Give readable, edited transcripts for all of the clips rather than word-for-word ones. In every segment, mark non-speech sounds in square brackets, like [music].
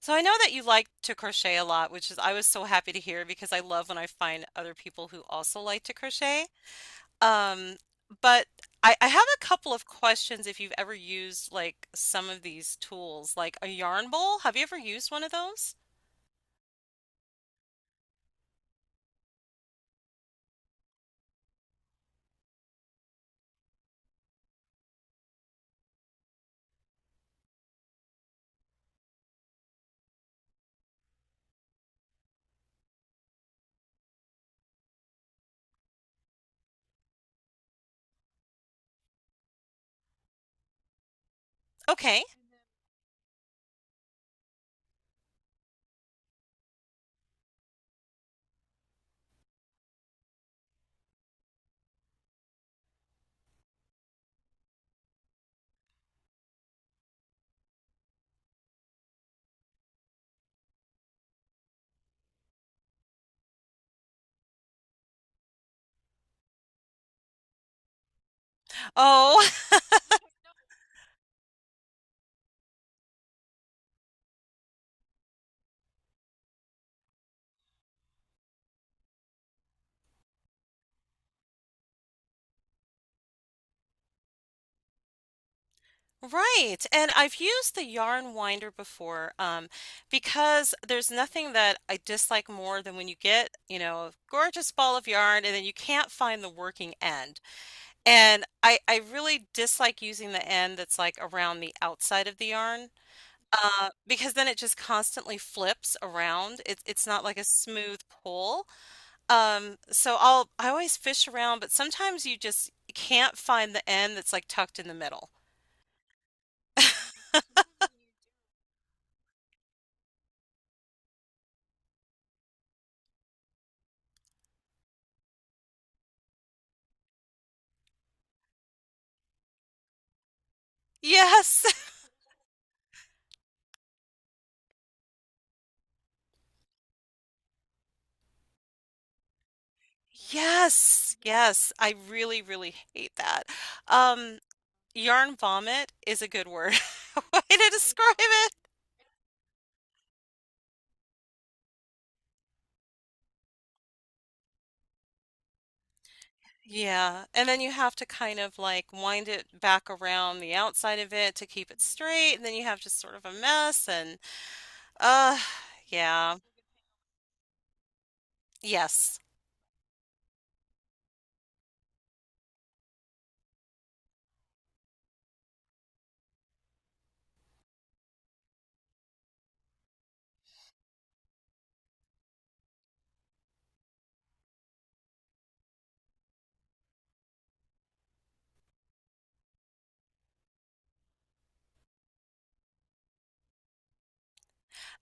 So I know that you like to crochet a lot, which is I was so happy to hear because I love when I find other people who also like to crochet. Um, but I have a couple of questions if you've ever used like some of these tools, like a yarn bowl. Have you ever used one of those? Okay. Oh, [laughs] right. And I've used the yarn winder before, because there's nothing that I dislike more than when you get, you know, a gorgeous ball of yarn and then you can't find the working end. And I really dislike using the end that's, like, around the outside of the yarn, because then it just constantly flips around. It's not like a smooth pull. So I always fish around, but sometimes you just can't find the end that's, like, tucked in the middle. [laughs] Yes. [laughs] Yes, yes. I really, really hate that. Um, Yarn vomit is a good word [laughs] way to describe it. Yeah, and then you have to kind of like wind it back around the outside of it to keep it straight, and then you have just sort of a mess and uh yeah. Yes.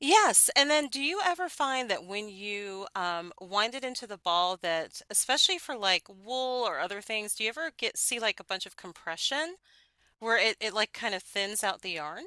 Yes, and then do you ever find that when you wind it into the ball that especially for like wool or other things, do you ever get see like a bunch of compression where it like kind of thins out the yarn?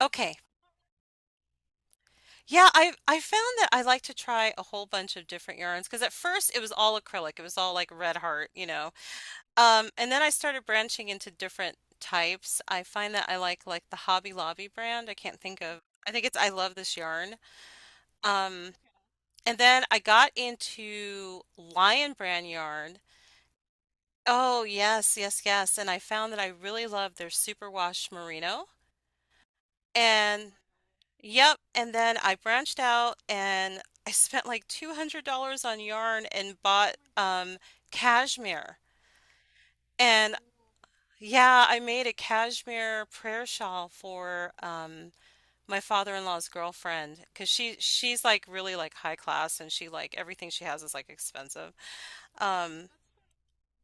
Okay. Yeah, I found that I like to try a whole bunch of different yarns because at first it was all acrylic. It was all like Red Heart, you know. And then I started branching into different types. I find that I like the Hobby Lobby brand. I can't think of. I think it's I Love This Yarn. Um, and then I got into Lion brand yarn. Oh, yes, yes, yes. And I found that I really love their superwash merino. And yep, and then I branched out and I spent like $200 on yarn and bought cashmere. And yeah, I made a cashmere prayer shawl for my father-in-law's girlfriend because she's like really like high class and she like everything she has is like expensive. Um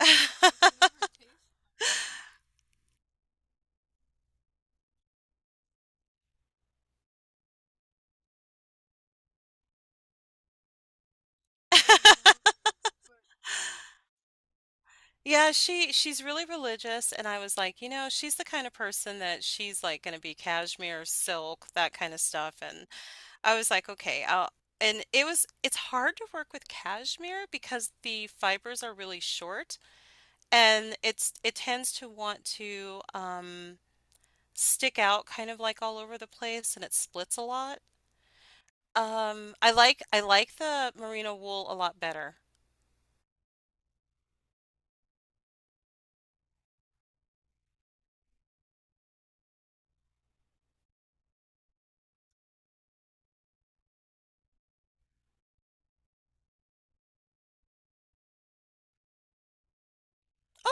[laughs] Yeah, she's really religious and I was like, you know, she's the kind of person that she's like going to be cashmere, silk, that kind of stuff and I was like, okay, I'll and it was it's hard to work with cashmere because the fibers are really short. And it tends to want to stick out kind of like all over the place and it splits a lot. I like the merino wool a lot better.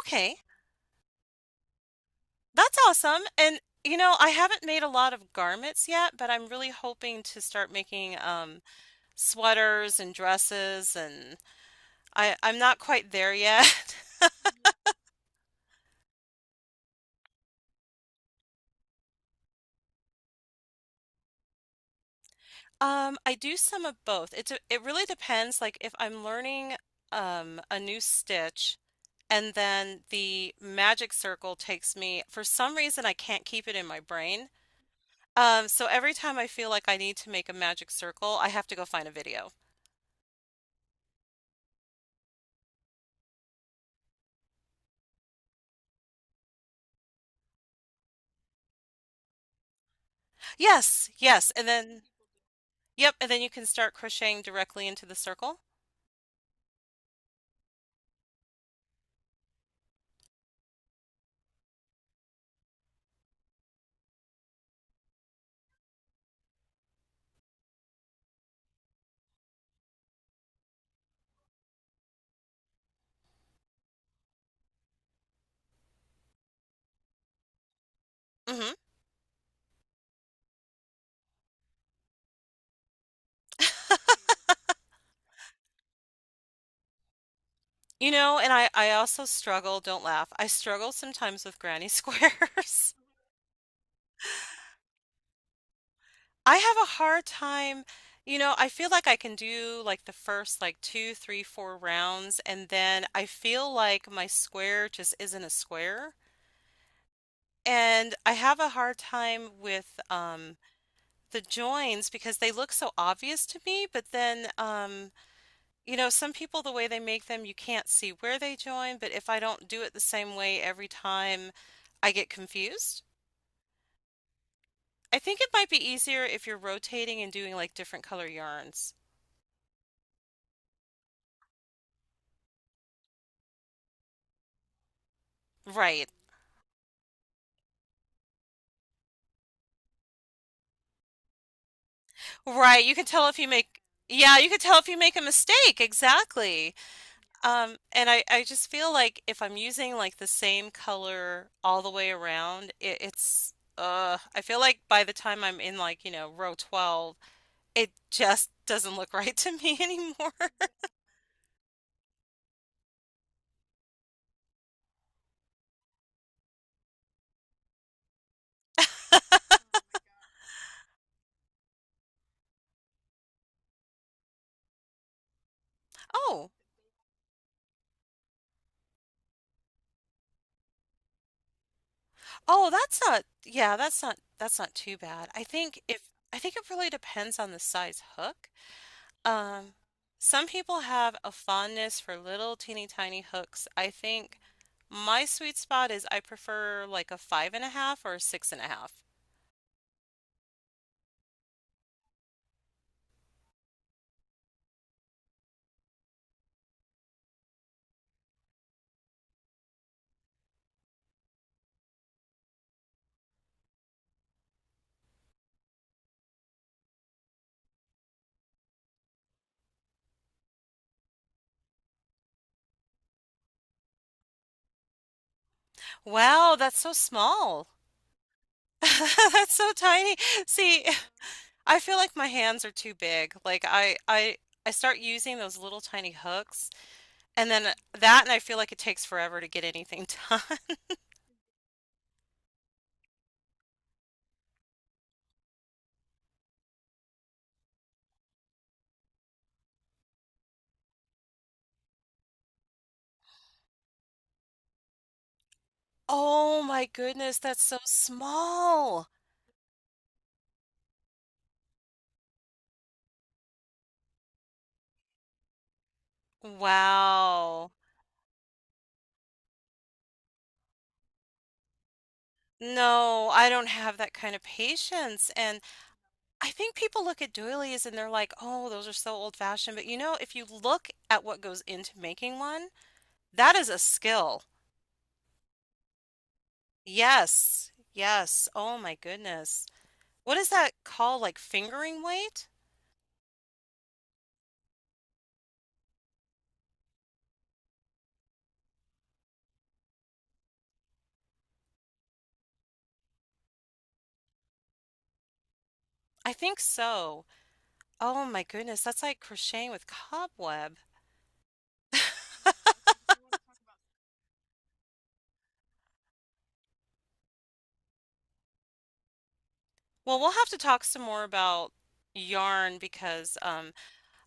Okay, that's awesome. And you know, I haven't made a lot of garments yet, but I'm really hoping to start making sweaters and dresses, and I'm not quite there yet. [laughs] I do some of both. It really depends. Like if I'm learning a new stitch. And then the magic circle takes me, for some reason, I can't keep it in my brain. So every time I feel like I need to make a magic circle, I have to go find a video. Yes, yes. And then, yep. And then you can start crocheting directly into the circle. Hmm. You know, and I also struggle, don't laugh. I struggle sometimes with granny [laughs] squares. I have a hard time, you know, I feel like I can do like the first like two, three, four rounds, and then I feel like my square just isn't a square. And I have a hard time with the joins because they look so obvious to me, but then you know, some people the way they make them, you can't see where they join, but if I don't do it the same way every time, I get confused. I think it might be easier if you're rotating and doing like different color yarns. Right. Right, you can tell if you make yeah, you could tell if you make a mistake, exactly. And I just feel like if I'm using like the same color all the way around, it's I feel like by the time I'm in like, you know, row 12, it just doesn't look right [laughs] to me anymore. [laughs] Oh, oh, that's not yeah, that's not too bad. I think if I think it really depends on the size hook. Um, some people have a fondness for little teeny tiny hooks. I think my sweet spot is I prefer like a five and a half or a six and a half. Wow, that's so small. [laughs] That's so tiny. See, I feel like my hands are too big. Like I start using those little tiny hooks, and then that, and I feel like it takes forever to get anything done. [laughs] Oh my goodness, that's so small. Wow. No, I don't have that kind of patience, and I think people look at doilies and they're like, "Oh, those are so old-fashioned." But you know, if you look at what goes into making one, that is a skill. Yes. Yes. Oh my goodness. What is that called? Like fingering weight? I think so. Oh my goodness, that's like crocheting with cobweb. Well, we'll have to talk some more about yarn because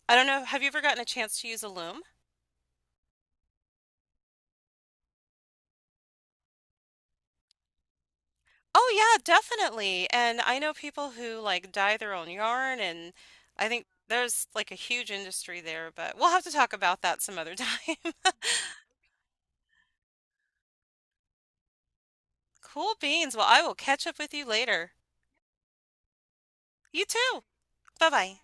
I don't know, have you ever gotten a chance to use a loom? Oh yeah, definitely. And I know people who like dye their own yarn and I think there's like a huge industry there, but we'll have to talk about that some other time. [laughs] Cool beans. Well, I will catch up with you later. You too. Bye-bye.